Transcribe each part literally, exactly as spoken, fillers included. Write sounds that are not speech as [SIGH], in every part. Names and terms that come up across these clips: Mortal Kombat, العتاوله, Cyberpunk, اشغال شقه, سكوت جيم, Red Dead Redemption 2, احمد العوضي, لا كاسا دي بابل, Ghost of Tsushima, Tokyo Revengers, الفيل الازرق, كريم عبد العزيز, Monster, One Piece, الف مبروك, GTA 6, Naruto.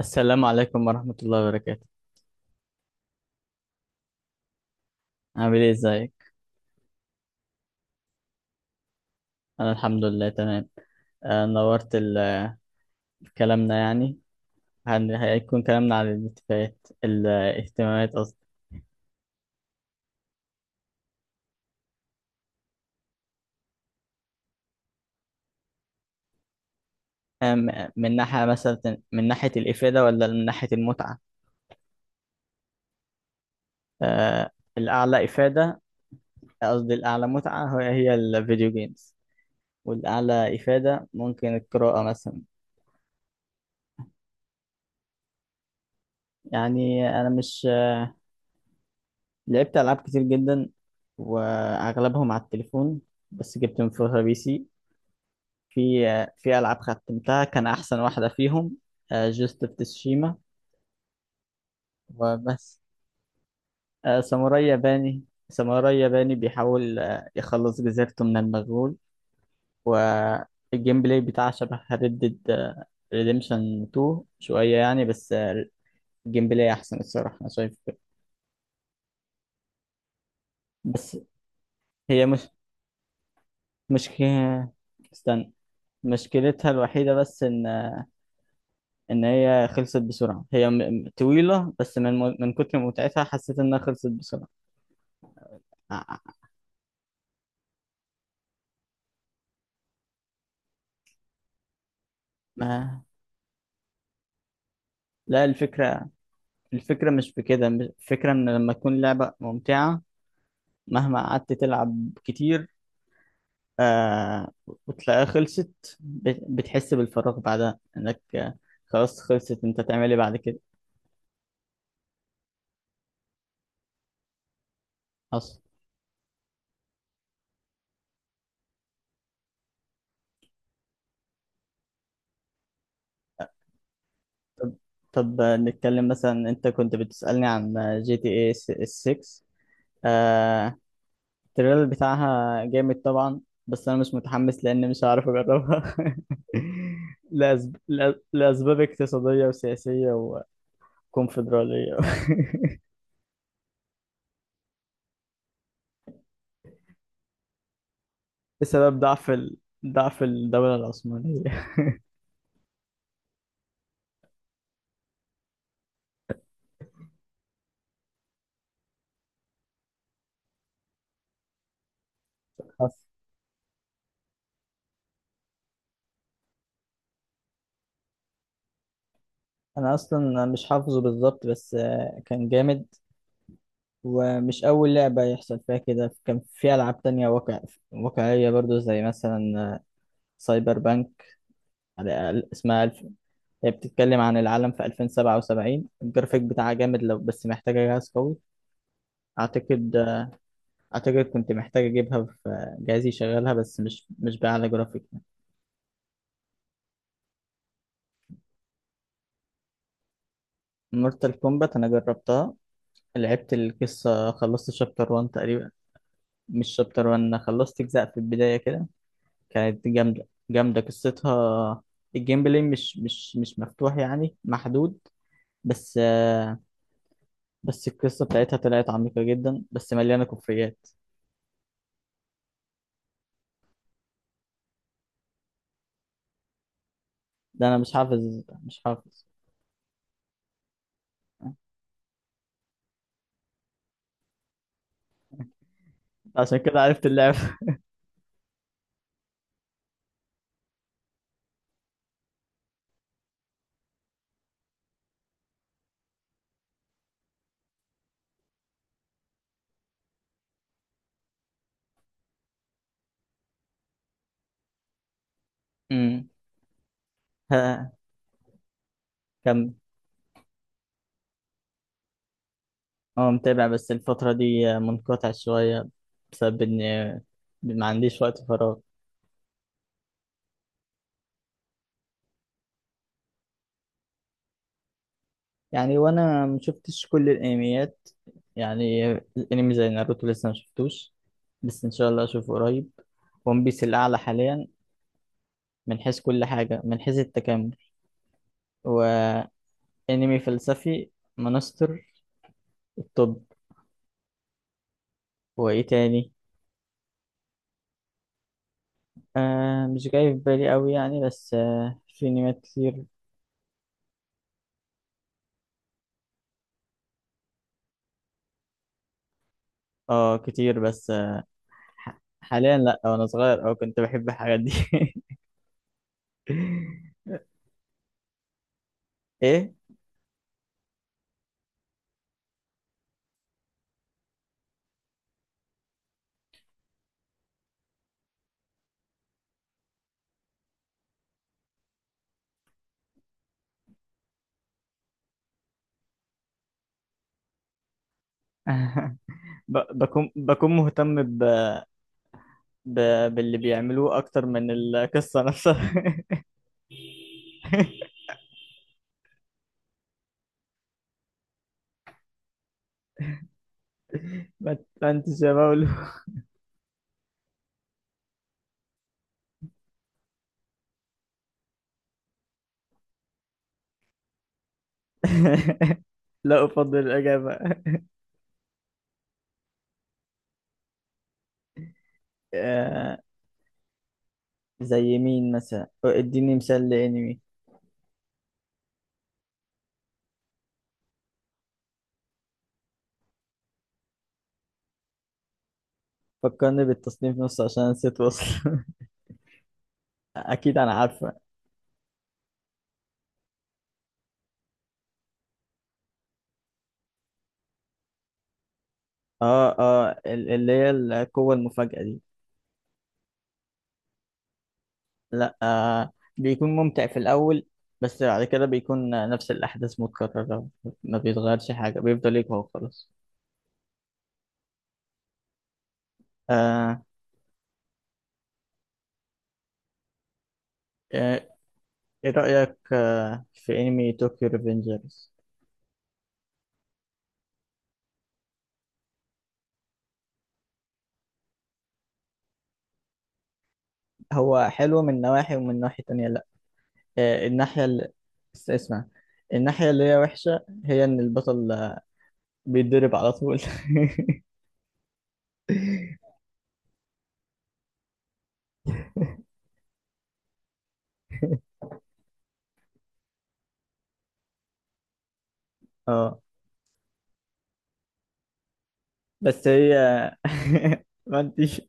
السلام عليكم ورحمة الله وبركاته. عامل ايه؟ ازيك؟ أنا الحمد لله تمام. آه، نورت ال- آه، كلامنا يعني هن- هيكون كلامنا عن الاتفاقات الاهتمامات قصدي. آه، م- من ناحية مثلا، من ناحية الإفادة ولا من ناحية المتعة؟ آه، الأعلى إفادة قصدي الأعلى متعة هي هي الفيديو جيمز، والأعلى إفادة ممكن القراءة مثلا. يعني أنا مش، لعبت ألعاب كتير جدا وأغلبهم على التليفون، بس جبت من فترة بي سي. في في ألعاب ختمتها، كان أحسن واحدة فيهم جوست اوف تسوشيما وبس. آه، ساموراي ياباني. ساموراي ياباني بيحاول آه، يخلص جزيرته من المغول، والجيم بلاي بتاعه شبه ريد ديد ريديمشن تو شوية يعني، بس آه، الجيم بلاي أحسن الصراحة، أنا شايف كده. بس هي مش مش استنى. مشكلتها الوحيدة بس إن آه، إن هي خلصت بسرعة. هي م- م- طويلة، بس من من كتر متعتها حسيت إنها خلصت بسرعة. ما، لا، الفكرة الفكرة مش في كده. الفكرة إن لما تكون لعبة ممتعة مهما قعدت تلعب كتير، آه وتلاقيها خلصت، بت- بتحس بالفراغ بعدها، إنك آه، خلاص خلصت، أنت تعمل إيه بعد كده؟ أصلا. طب. طب آه، نتكلم مثلا. أنت كنت بتسألني عن جي تي اي ستة. التريلر بتاعها جامد طبعا، بس انا مش متحمس لان مش هعرف اجربها [LAUGHS] لأسب... لأ- لاسباب اقتصاديه وسياسيه وكونفدراليه. [LAUGHS] بسبب ضعف ال... ضعف الدوله العثمانيه. حف- انا اصلا مش حافظه بالظبط، بس آه، كان جامد. ومش اول لعبه يحصل فيها كده، كان في العاب تانية واقع... واقعيه برضو، زي مثلا سايبر بانك. على اسمها، هي بتتكلم عن العالم في ألفين وسبعة وسبعين. الجرافيك بتاعها جامد، لو بس محتاجة جهاز قوي. أعتقد. أعتقد كنت محتاج أجيبها في جهاز يشغلها، بس مش مش بأعلى جرافيك. مورتال كومبات أنا جربتها، لعبت القصة، خلصت شابتر ون تقريبا. مش شابتر ون، أنا خلصت أجزاء في البداية كده. كانت جامدة جامدة قصتها. الجيم بلاي مش مش مش مفتوح، يعني محدود. بس آه، بس القصة بتاعتها طلعت عميقة جدا، بس مليانة كوفيات. ده أنا مش حافظ مش حافظ. عشان كده عرفت اللعب. امم. [LAUGHS] ها؟ كم؟ هو متابع، بس الفترة دي منقطع شوية، بسبب إن ما عنديش وقت فراغ. يعني، وأنا مشفتش كل الأنميات. يعني الأنمي زي ناروتو لسه مشفتوش، بس إن شاء الله أشوفه قريب. ون بيس الأعلى حاليا، من حيث كل حاجة، من حيث التكامل، وأنمي فلسفي. مانستر. الطب. وإيه تاني؟ آه مش جاي في بالي أوي يعني، بس آه في أنميات كتير. اه كتير، بس ح- حاليا لا. وانا صغير اه كنت بحب الحاجات دي. [LAUGHS] ايه؟ [LAUGHS] ب- بكون بكون مهتم ب... ب... باللي بيعملوه اكتر من القصة نفسها. [LAUGHS] ما تفهمتش يا مولو. [LAUGHS] لا، افضل الاجابة. آه، زي مين مثلا؟ اديني مثال لانمي. فكرني بالتصنيف نص، عشان نسيت وصل. [LAUGHS] اكيد انا عارفة. اه اه ال- اللي هي القوة المفاجأة دي. لا، آه بيكون ممتع في الأول، بس بعد كده بيكون آه، نفس الأحداث متكررة. ما بيتغيرش حاجة، بيفضل يقوى وخلاص. آه. آه، إيه رأيك آه في أنمي طوكيو ريفنجرز؟ هو حلو من نواحي، ومن ناحية تانية لأ. آه الناحية اللي، اسمع. الناحية اللي هي وحشة هي إن البطل آه، بيتضرب على طول. [LAUGHS] اه، بس هي. [LAUGHS] ما انتش.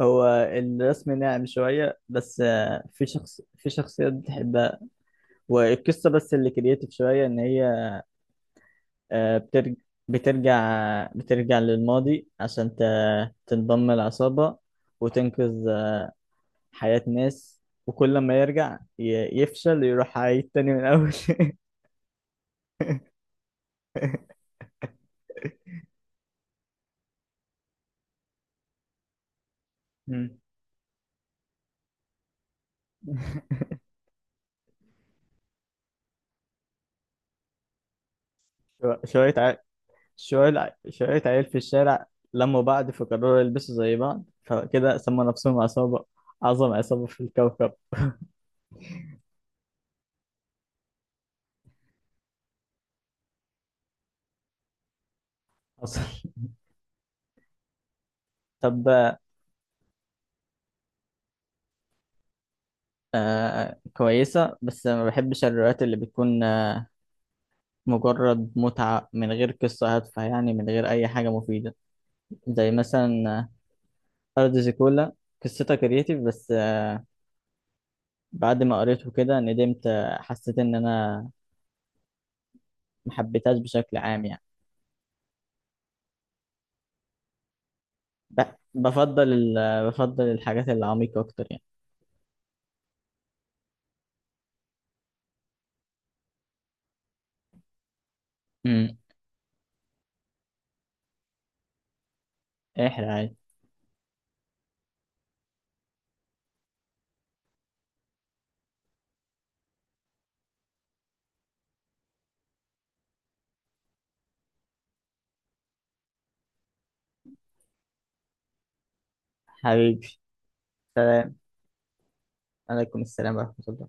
هو الرسم ناعم شوية، بس آه، في شخص في شخصيات بتحبها، والقصة بس اللي كرياتيف شوية. إن هي آه، بترج... بترجع بترجع للماضي عشان ت... تنضم العصابة وتنقذ آه، حياة ناس. وكل ما يرجع ي... يفشل، يروح عيد تاني من أول. [LAUGHS] مم. شو- شوية ع... شوية شوية عيال في الشارع لموا بعض، فقرروا يلبسوا زي بعض، فكده سموا نفسهم عصابة، أعظم عصابة في الكوكب. حصل. حبة. آه كويسة، بس ما بحبش الروايات اللي بتكون آه مجرد متعة من غير قصة هادفة، يعني من غير أي حاجة مفيدة. زي مثلا آه، أرض زيكولا. قصتها كرياتيف، بس آه بعد ما قريته كده ندمت، آه حسيت إن أنا ما حبيتهاش بشكل عام يعني. ب- بفضل ال- آه، بفضل الحاجات العميقة أكتر يعني. امم. احرق عادي. حبيبي. سلام. عليكم السلام ورحمة الله.